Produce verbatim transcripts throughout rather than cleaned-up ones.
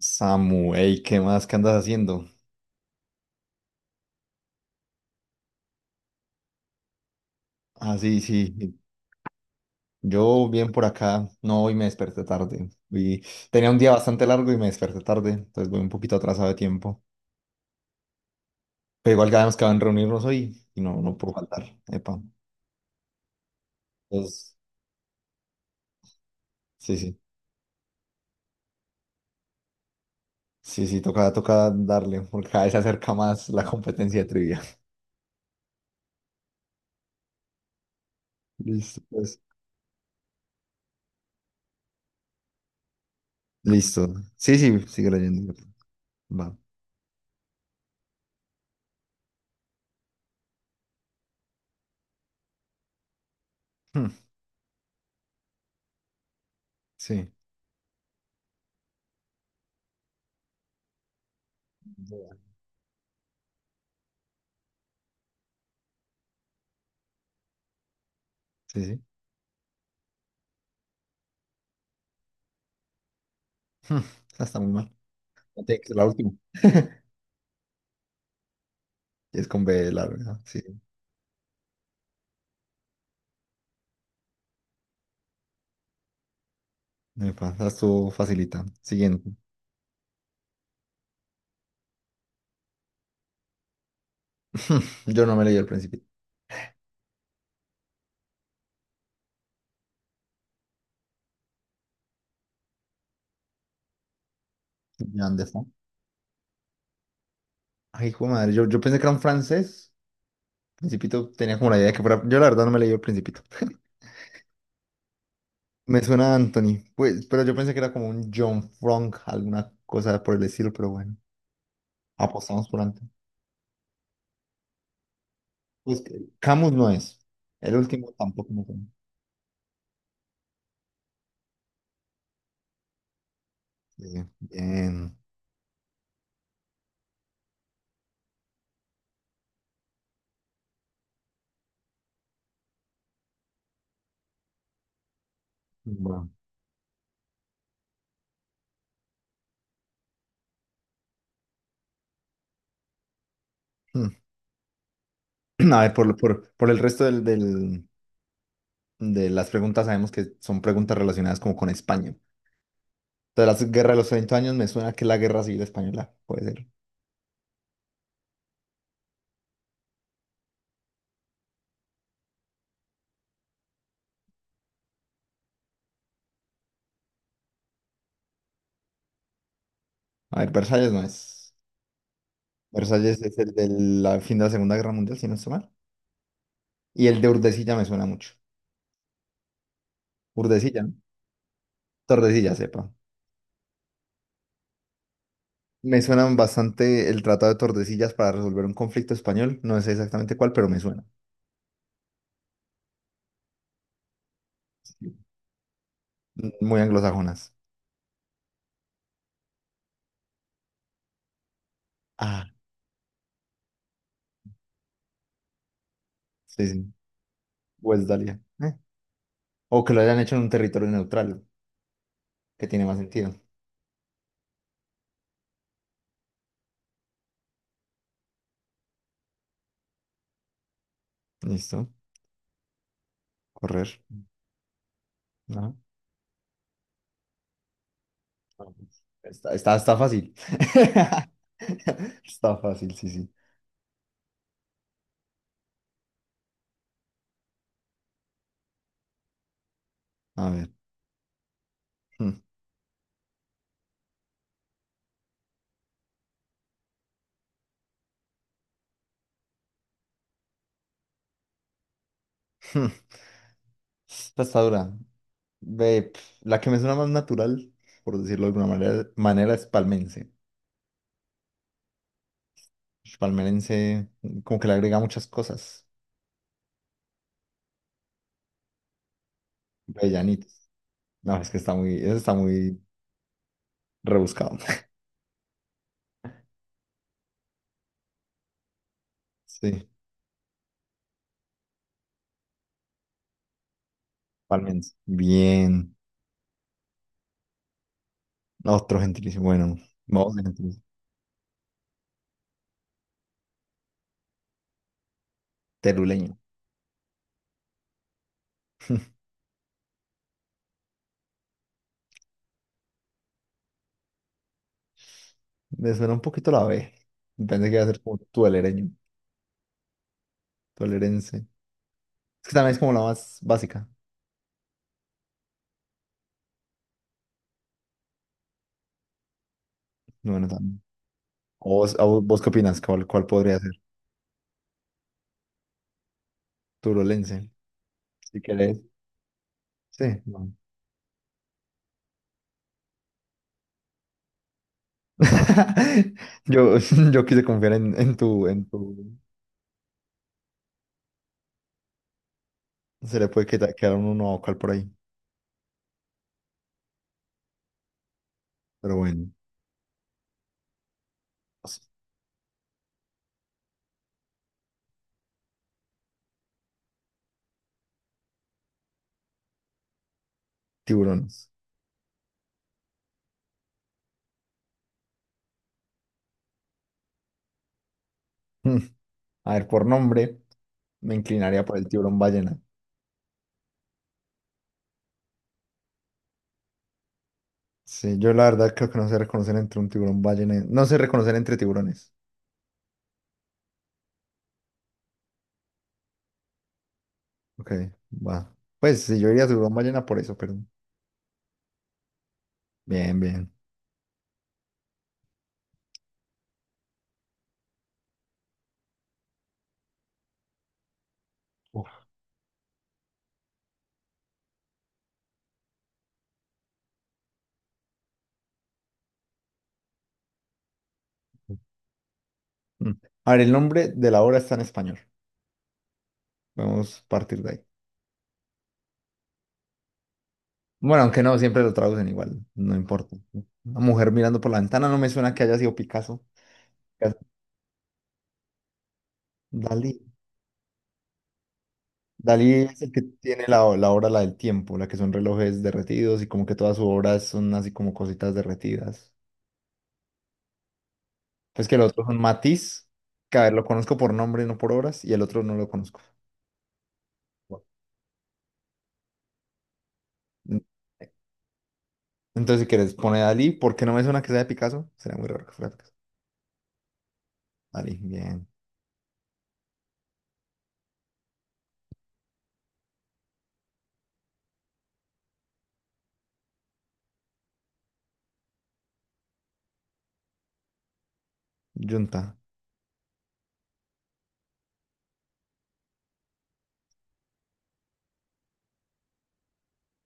Samu, ey, ¿qué más? ¿Qué andas haciendo? Ah, sí, sí. Yo bien por acá. No, hoy me desperté tarde. Y tenía un día bastante largo y me desperté tarde, entonces voy un poquito atrasado de tiempo. Pero igual quedamos que van a reunirnos hoy y no, no pudo faltar. Epa. Entonces, sí, sí. Sí, sí, toca, toca darle, porque cada vez se acerca más la competencia de trivia. Listo, pues. Listo. Sí, sí, sigue leyendo. Va. Hmm, Sí. Sí, sí. Hmm, Está muy mal. La última. Y es con B larga, sí. Me pasa, estuvo facilita. Siguiente. Yo no me leí el Principito. Jean Dafoe. Ay, hijo de madre, yo, yo pensé que era un francés. Principito tenía como la idea de que fuera. Yo la verdad no me leí el Principito. Me suena a Anthony, pues, pero yo pensé que era como un John Frank, alguna cosa por el estilo, pero bueno, apostamos por Anthony. Pues que Camus no es. El último tampoco me suena. Sí, bien. Bueno. A ver, por, por, por el resto del, del, de las preguntas sabemos que son preguntas relacionadas como con España. Entonces, la guerra de los treinta años me suena que es la guerra civil española, puede ser. A ver, Versalles no es. Versalles es el del fin de la Segunda Guerra Mundial, si no estoy mal. Y el de Urdesilla me suena mucho. Urdesilla, ¿no? Tordesillas, sepa. Me suenan bastante el Tratado de Tordesillas para resolver un conflicto español. No sé exactamente cuál, pero me suena. Sí. Muy anglosajonas. Ah, sí, sí. Westdalia. Eh. O que lo hayan hecho en un territorio neutral, que tiene más sentido. Listo. Correr. No, no, pues, está, está, está fácil. Está fácil, sí, sí. A ver. Hmm, hmm. Esta está dura. Ve, pf, la que me suena más natural, por decirlo de alguna manera, manera es palmense. Palmerense, como que le agrega muchas cosas. Bellanitos. No, es que está muy, eso está muy rebuscado. Sí, palmense. Bien. Otro gentilicio. Bueno, vamos de gentilicio. Teruleño. Me suena un poquito la B. Pensé que iba a ser como tuelereño, tuelerense. Es que también es como la más básica. No, bueno, también. ¿O ¿Vos, a vos, vos qué opinas? ¿Cuál, cuál podría ser? Turolense, si querés. Sí, no. Yo, yo quise confiar en, en tu, en tu. Se le puede queda- quedar un uno vocal por ahí. Pero bueno, tiburones. Mm. A ver, por nombre, me inclinaría por el tiburón ballena. Sí, yo la verdad creo que no sé reconocer entre un tiburón ballena. y- No sé reconocer entre tiburones. Ok, va. Pues sí, yo iría tiburón ballena por eso, pero. Bien, bien. Uf. Mm. A ver, el nombre de la obra está en español. Vamos a partir de ahí. Bueno, aunque no, siempre lo traducen igual, no importa. Una mujer mirando por la ventana no me suena que haya sido Picasso. Dalí. Dalí es el que tiene la, o- la obra, la del tiempo, la que son relojes derretidos y como que todas sus obras son así como cositas derretidas. Pues que el otro son Matisse, que a ver, lo conozco por nombre, no por obras, y el otro no lo conozco. Mm, Entonces, si quieres, pone Dalí, porque no me suena que sea de Picasso. Será muy raro que fuera de Picasso. Dalí, bien. Junta.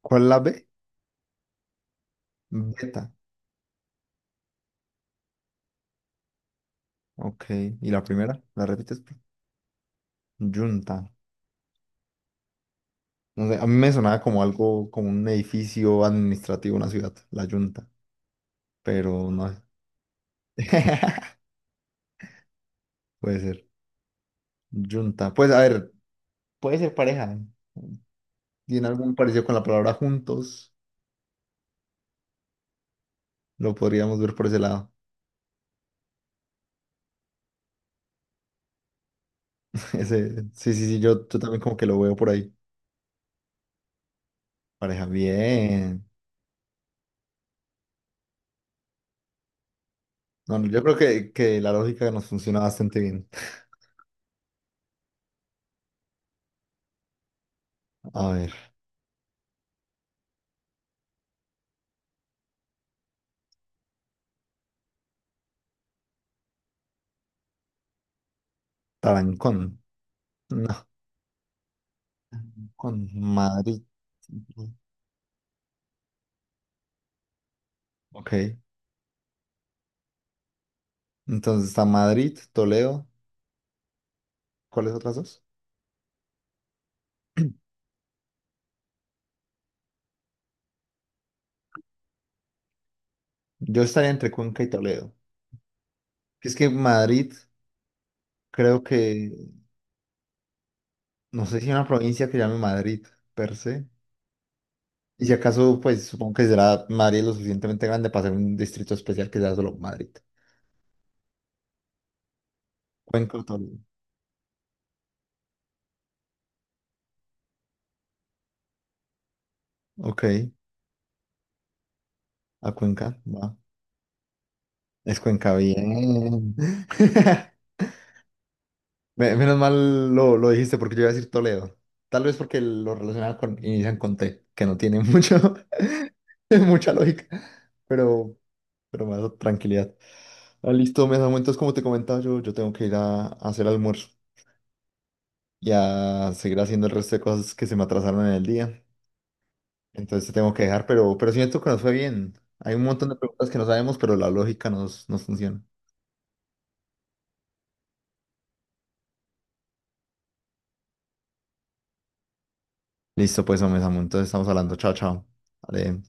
¿Cuál es la B? Beta. Ok. ¿Y la primera? ¿La repites? Junta. No sé, a mí me sonaba como algo, como un edificio administrativo, una ciudad, la Junta. Pero no sé. Puede ser. Junta. Pues a ver, puede ser pareja. Tiene algún parecido con la palabra juntos. Lo podríamos ver por ese lado. Ese, sí, sí, sí, yo, yo también como que lo veo por ahí. Pareja, bien. No, no, yo creo que, que la lógica nos funciona bastante bien. A ver, Tarancón. Con Madrid. Ujú, ok. Entonces está Madrid, Toledo. ¿Cuáles otras dos? Yo estaría entre Cuenca y Toledo. Es que Madrid, creo que, no sé si hay una provincia que llame Madrid, per se. Y si acaso, pues supongo que será Madrid lo suficientemente grande para ser un distrito especial que sea solo Madrid. Cuenca o Toledo. Ok. A Cuenca, va. Es Cuenca, bien. Me- Menos mal lo, lo dijiste porque yo iba a decir Toledo. Tal vez porque lo relacionaba con, inician con T, que no tiene mucho, mucha lógica, pero, pero me da tranquilidad. Ah, listo, me Samu, entonces como te comentaba yo, yo tengo que ir a, a hacer almuerzo y a seguir haciendo el resto de cosas que se me atrasaron en el día. Entonces te tengo que dejar, pero, pero siento que nos fue bien. Hay un montón de preguntas que no sabemos, pero la lógica nos, nos funciona. Listo, pues, Omesamu, entonces estamos hablando. Chao, chao. Vale.